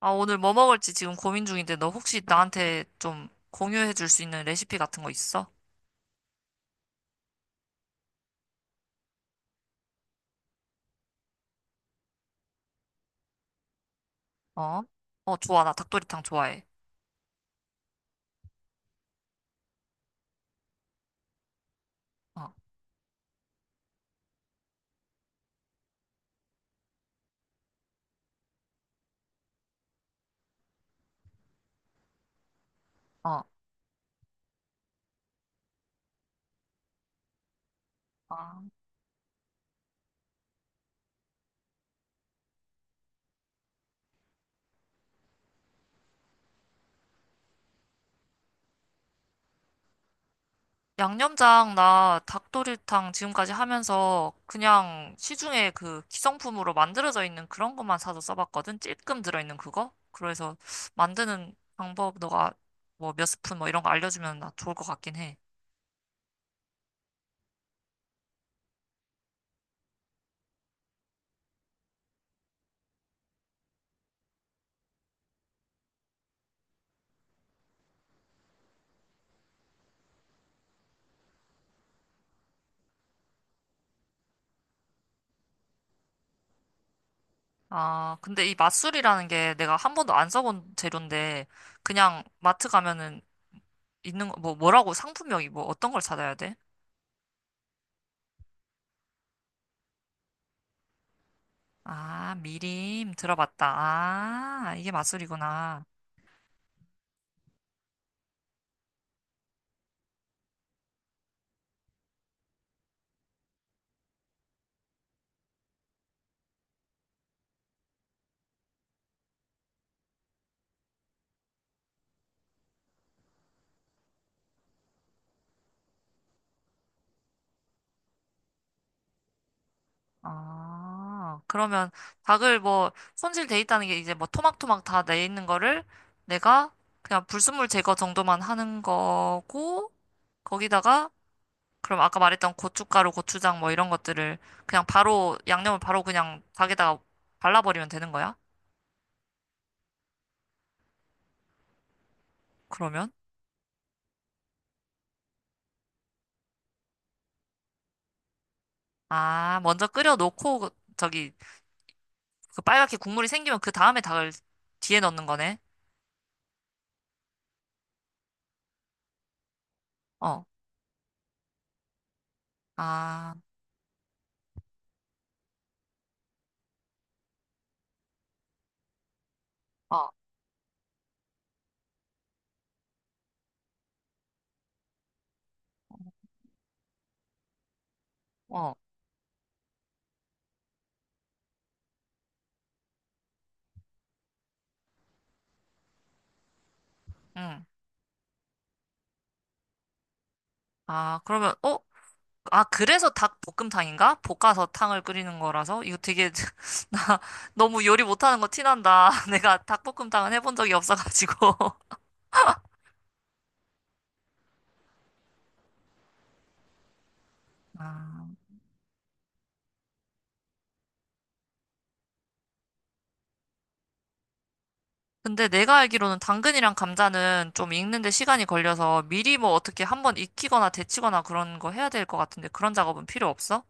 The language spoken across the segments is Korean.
아, 오늘 뭐 먹을지 지금 고민 중인데 너 혹시 나한테 좀 공유해 줄 수 있는 레시피 같은 거 있어? 어? 어, 좋아. 나 닭도리탕 좋아해. 어, 어. 아. 양념장 나 닭도리탕 지금까지 하면서 그냥 시중에 그 기성품으로 만들어져 있는 그런 것만 사서 써봤거든? 찔끔 들어있는 그거? 그래서 만드는 방법 너가 뭐 몇 스푼 뭐 이런 거 알려주면 나 좋을 것 같긴 해. 아, 근데 이 맛술이라는 게 내가 한 번도 안 써본 재료인데 그냥 마트 가면은 있는 거, 뭐라고 상품명이 뭐 어떤 걸 찾아야 돼? 아, 미림 들어봤다. 아, 이게 맛술이구나. 아, 그러면 닭을 뭐 손질돼 있다는 게 이제 뭐 토막토막 다 내 있는 거를 내가 그냥 불순물 제거 정도만 하는 거고 거기다가 그럼 아까 말했던 고춧가루, 고추장 뭐 이런 것들을 그냥 바로 양념을 바로 그냥 닭에다가 발라버리면 되는 거야? 그러면? 아, 먼저 끓여 놓고 저기 그 빨갛게 국물이 생기면 그 다음에 닭을 뒤에 넣는 거네. 어. 아, 어, 어, 응. 아, 그러면, 어? 아, 그래서 닭볶음탕인가? 볶아서 탕을 끓이는 거라서? 이거 되게, 나 너무 요리 못하는 거 티난다. 내가 닭볶음탕은 해본 적이 없어가지고. 아, 근데 내가 알기로는 당근이랑 감자는 좀 익는데 시간이 걸려서 미리 뭐 어떻게 한번 익히거나 데치거나 그런 거 해야 될 것 같은데 그런 작업은 필요 없어?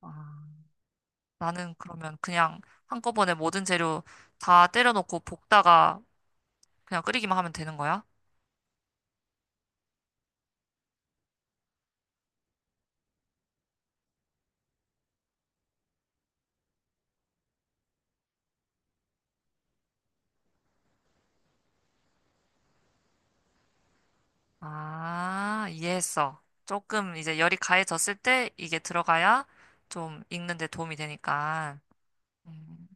아. 나는 그러면 그냥 한꺼번에 모든 재료 다 때려놓고 볶다가 그냥 끓이기만 하면 되는 거야? 아, 이해했어. 조금 이제 열이 가해졌을 때 이게 들어가야 좀 익는 데 도움이 되니까. 음,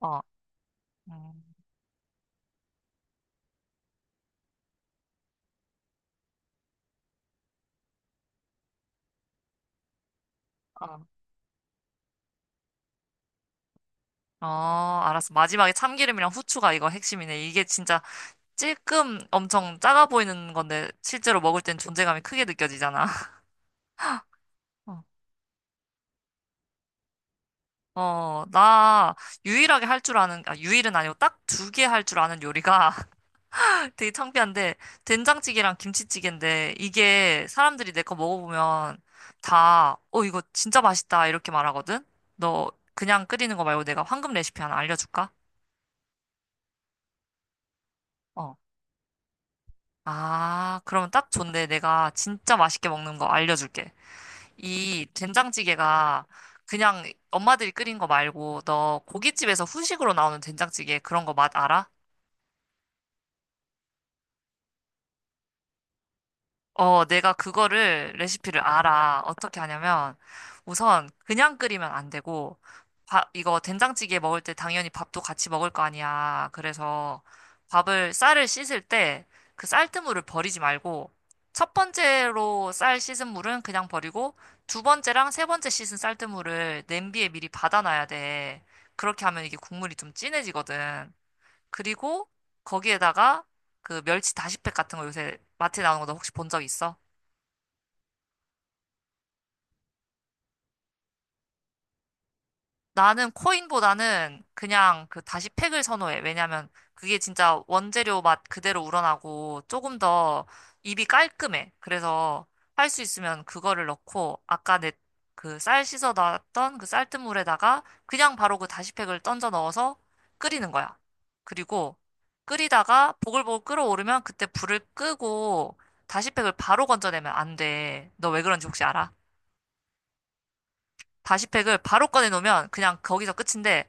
어, 음, 어. 어, 알았어. 마지막에 참기름이랑 후추가 이거 핵심이네. 이게 진짜 찔끔 엄청 작아 보이는 건데 실제로 먹을 땐 존재감이 크게 느껴지잖아. 어, 나 유일하게 할 줄 아는, 아, 유일은 아니고 딱 두 개 할 줄 아는 요리가 되게 창피한데, 된장찌개랑 김치찌개인데, 이게 사람들이 내 거 먹어보면 다, 어, 이거 진짜 맛있다, 이렇게 말하거든? 너 그냥 끓이는 거 말고 내가 황금 레시피 하나 알려줄까? 어. 아, 그러면 딱 좋네. 내가 진짜 맛있게 먹는 거 알려줄게. 이 된장찌개가 그냥 엄마들이 끓인 거 말고, 너 고깃집에서 후식으로 나오는 된장찌개 그런 거 맛 알아? 어, 내가 그거를, 레시피를 알아. 어떻게 하냐면, 우선 그냥 끓이면 안 되고, 밥, 이거 된장찌개 먹을 때 당연히 밥도 같이 먹을 거 아니야. 그래서 밥을, 쌀을 씻을 때 그 쌀뜨물을 버리지 말고, 첫 번째로 쌀 씻은 물은 그냥 버리고, 두 번째랑 세 번째 씻은 쌀뜨물을 냄비에 미리 받아놔야 돼. 그렇게 하면 이게 국물이 좀 진해지거든. 그리고 거기에다가 그 멸치 다시팩 같은 거 요새 마트에 나오는 거 너 혹시 본 적 있어? 나는 코인보다는 그냥 그 다시 팩을 선호해. 왜냐면 그게 진짜 원재료 맛 그대로 우러나고 조금 더 입이 깔끔해. 그래서 할 수 있으면 그거를 넣고 아까 내 그 쌀 씻어 놨던 그 쌀뜨물에다가 그냥 바로 그 다시 팩을 던져 넣어서 끓이는 거야. 그리고 끓이다가 보글보글 끓어오르면 그때 불을 끄고 다시 팩을 바로 건져내면 안 돼. 너 왜 그런지 혹시 알아? 다시팩을 바로 꺼내놓으면 그냥 거기서 끝인데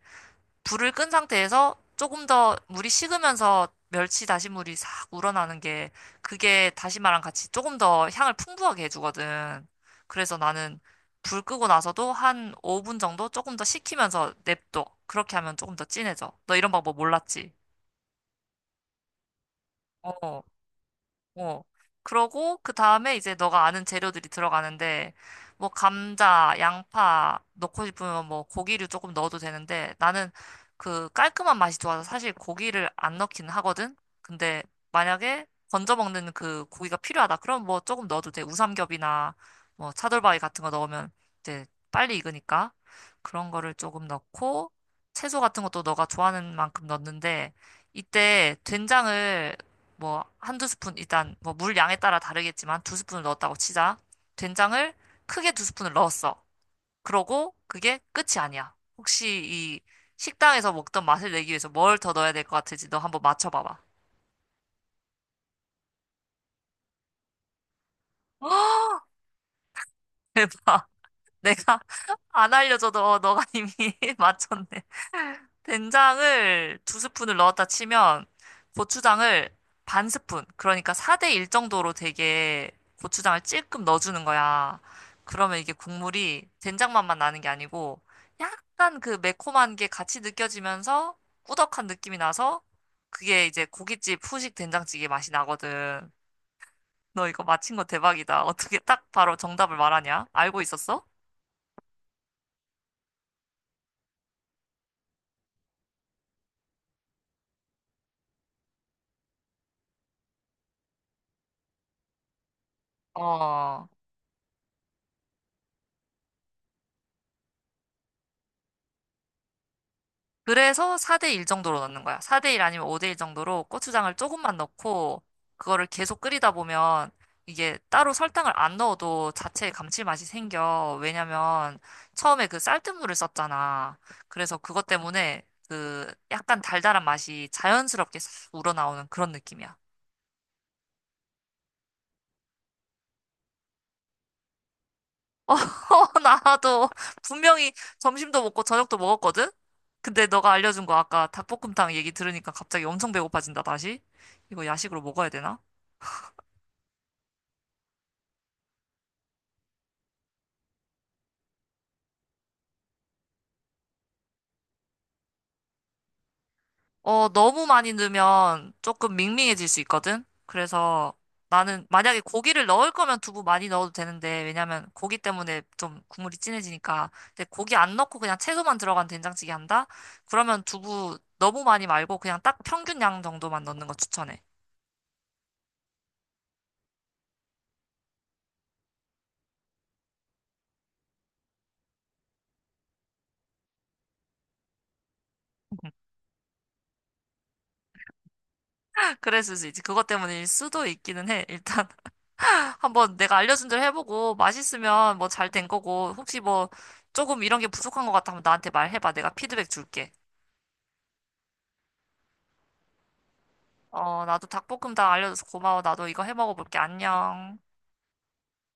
불을 끈 상태에서 조금 더 물이 식으면서 멸치 다시물이 싹 우러나는 게 그게 다시마랑 같이 조금 더 향을 풍부하게 해주거든. 그래서 나는 불 끄고 나서도 한 5분 정도 조금 더 식히면서 냅둬. 그렇게 하면 조금 더 진해져. 너 이런 방법 몰랐지? 어. 어. 그러고 그 다음에 이제 너가 아는 재료들이 들어가는데 뭐 감자, 양파 넣고 싶으면 뭐 고기를 조금 넣어도 되는데 나는 그 깔끔한 맛이 좋아서 사실 고기를 안 넣긴 하거든. 근데 만약에 건져 먹는 그 고기가 필요하다. 그럼 뭐 조금 넣어도 돼. 우삼겹이나 뭐 차돌바위 같은 거 넣으면 이제 빨리 익으니까 그런 거를 조금 넣고 채소 같은 것도 너가 좋아하는 만큼 넣는데 이때 된장을 뭐 한두 스푼 일단 뭐 물 양에 따라 다르겠지만 두 스푼을 넣었다고 치자. 된장을 크게 두 스푼을 넣었어. 그러고 그게 끝이 아니야. 혹시 이 식당에서 먹던 맛을 내기 위해서 뭘 더 넣어야 될 것 같을지 너 한번 맞춰봐봐. 대박. 내가 안 알려줘도 어, 너가 이미 맞췄네. 된장을 두 스푼을 넣었다 치면 고추장을 반 스푼, 그러니까 4대 1 정도로 되게 고추장을 찔끔 넣어주는 거야. 그러면 이게 국물이 된장 맛만 나는 게 아니고 약간 그 매콤한 게 같이 느껴지면서 꾸덕한 느낌이 나서 그게 이제 고깃집 후식 된장찌개 맛이 나거든. 너 이거 맞힌 거 대박이다. 어떻게 딱 바로 정답을 말하냐? 알고 있었어? 어. 그래서 4대 1 정도로 넣는 거야. 4대 1 아니면 5대 1 정도로 고추장을 조금만 넣고 그거를 계속 끓이다 보면 이게 따로 설탕을 안 넣어도 자체의 감칠맛이 생겨. 왜냐면 처음에 그 쌀뜨물을 썼잖아. 그래서 그것 때문에 그 약간 달달한 맛이 자연스럽게 싹 우러나오는 그런 느낌이야. 어, 나도 분명히 점심도 먹고 저녁도 먹었거든? 근데 너가 알려준 거 아까 닭볶음탕 얘기 들으니까 갑자기 엄청 배고파진다, 다시? 이거 야식으로 먹어야 되나? 어, 너무 많이 넣으면 조금 밍밍해질 수 있거든? 그래서 나는 만약에 고기를 넣을 거면 두부 많이 넣어도 되는데, 왜냐면 고기 때문에 좀 국물이 진해지니까. 근데 고기 안 넣고 그냥 채소만 들어간 된장찌개 한다? 그러면 두부 너무 많이 말고 그냥 딱 평균 양 정도만 넣는 거 추천해. 그랬을 수 있지. 그것 때문일 수도 있기는 해. 일단 한번 내가 알려준 대로 해보고 맛있으면 뭐 잘 된 거고, 혹시 뭐 조금 이런 게 부족한 것 같아 하면 나한테 말해봐. 내가 피드백 줄게. 어, 나도 닭볶음 다 알려줘서 고마워. 나도 이거 해 먹어볼게. 안녕.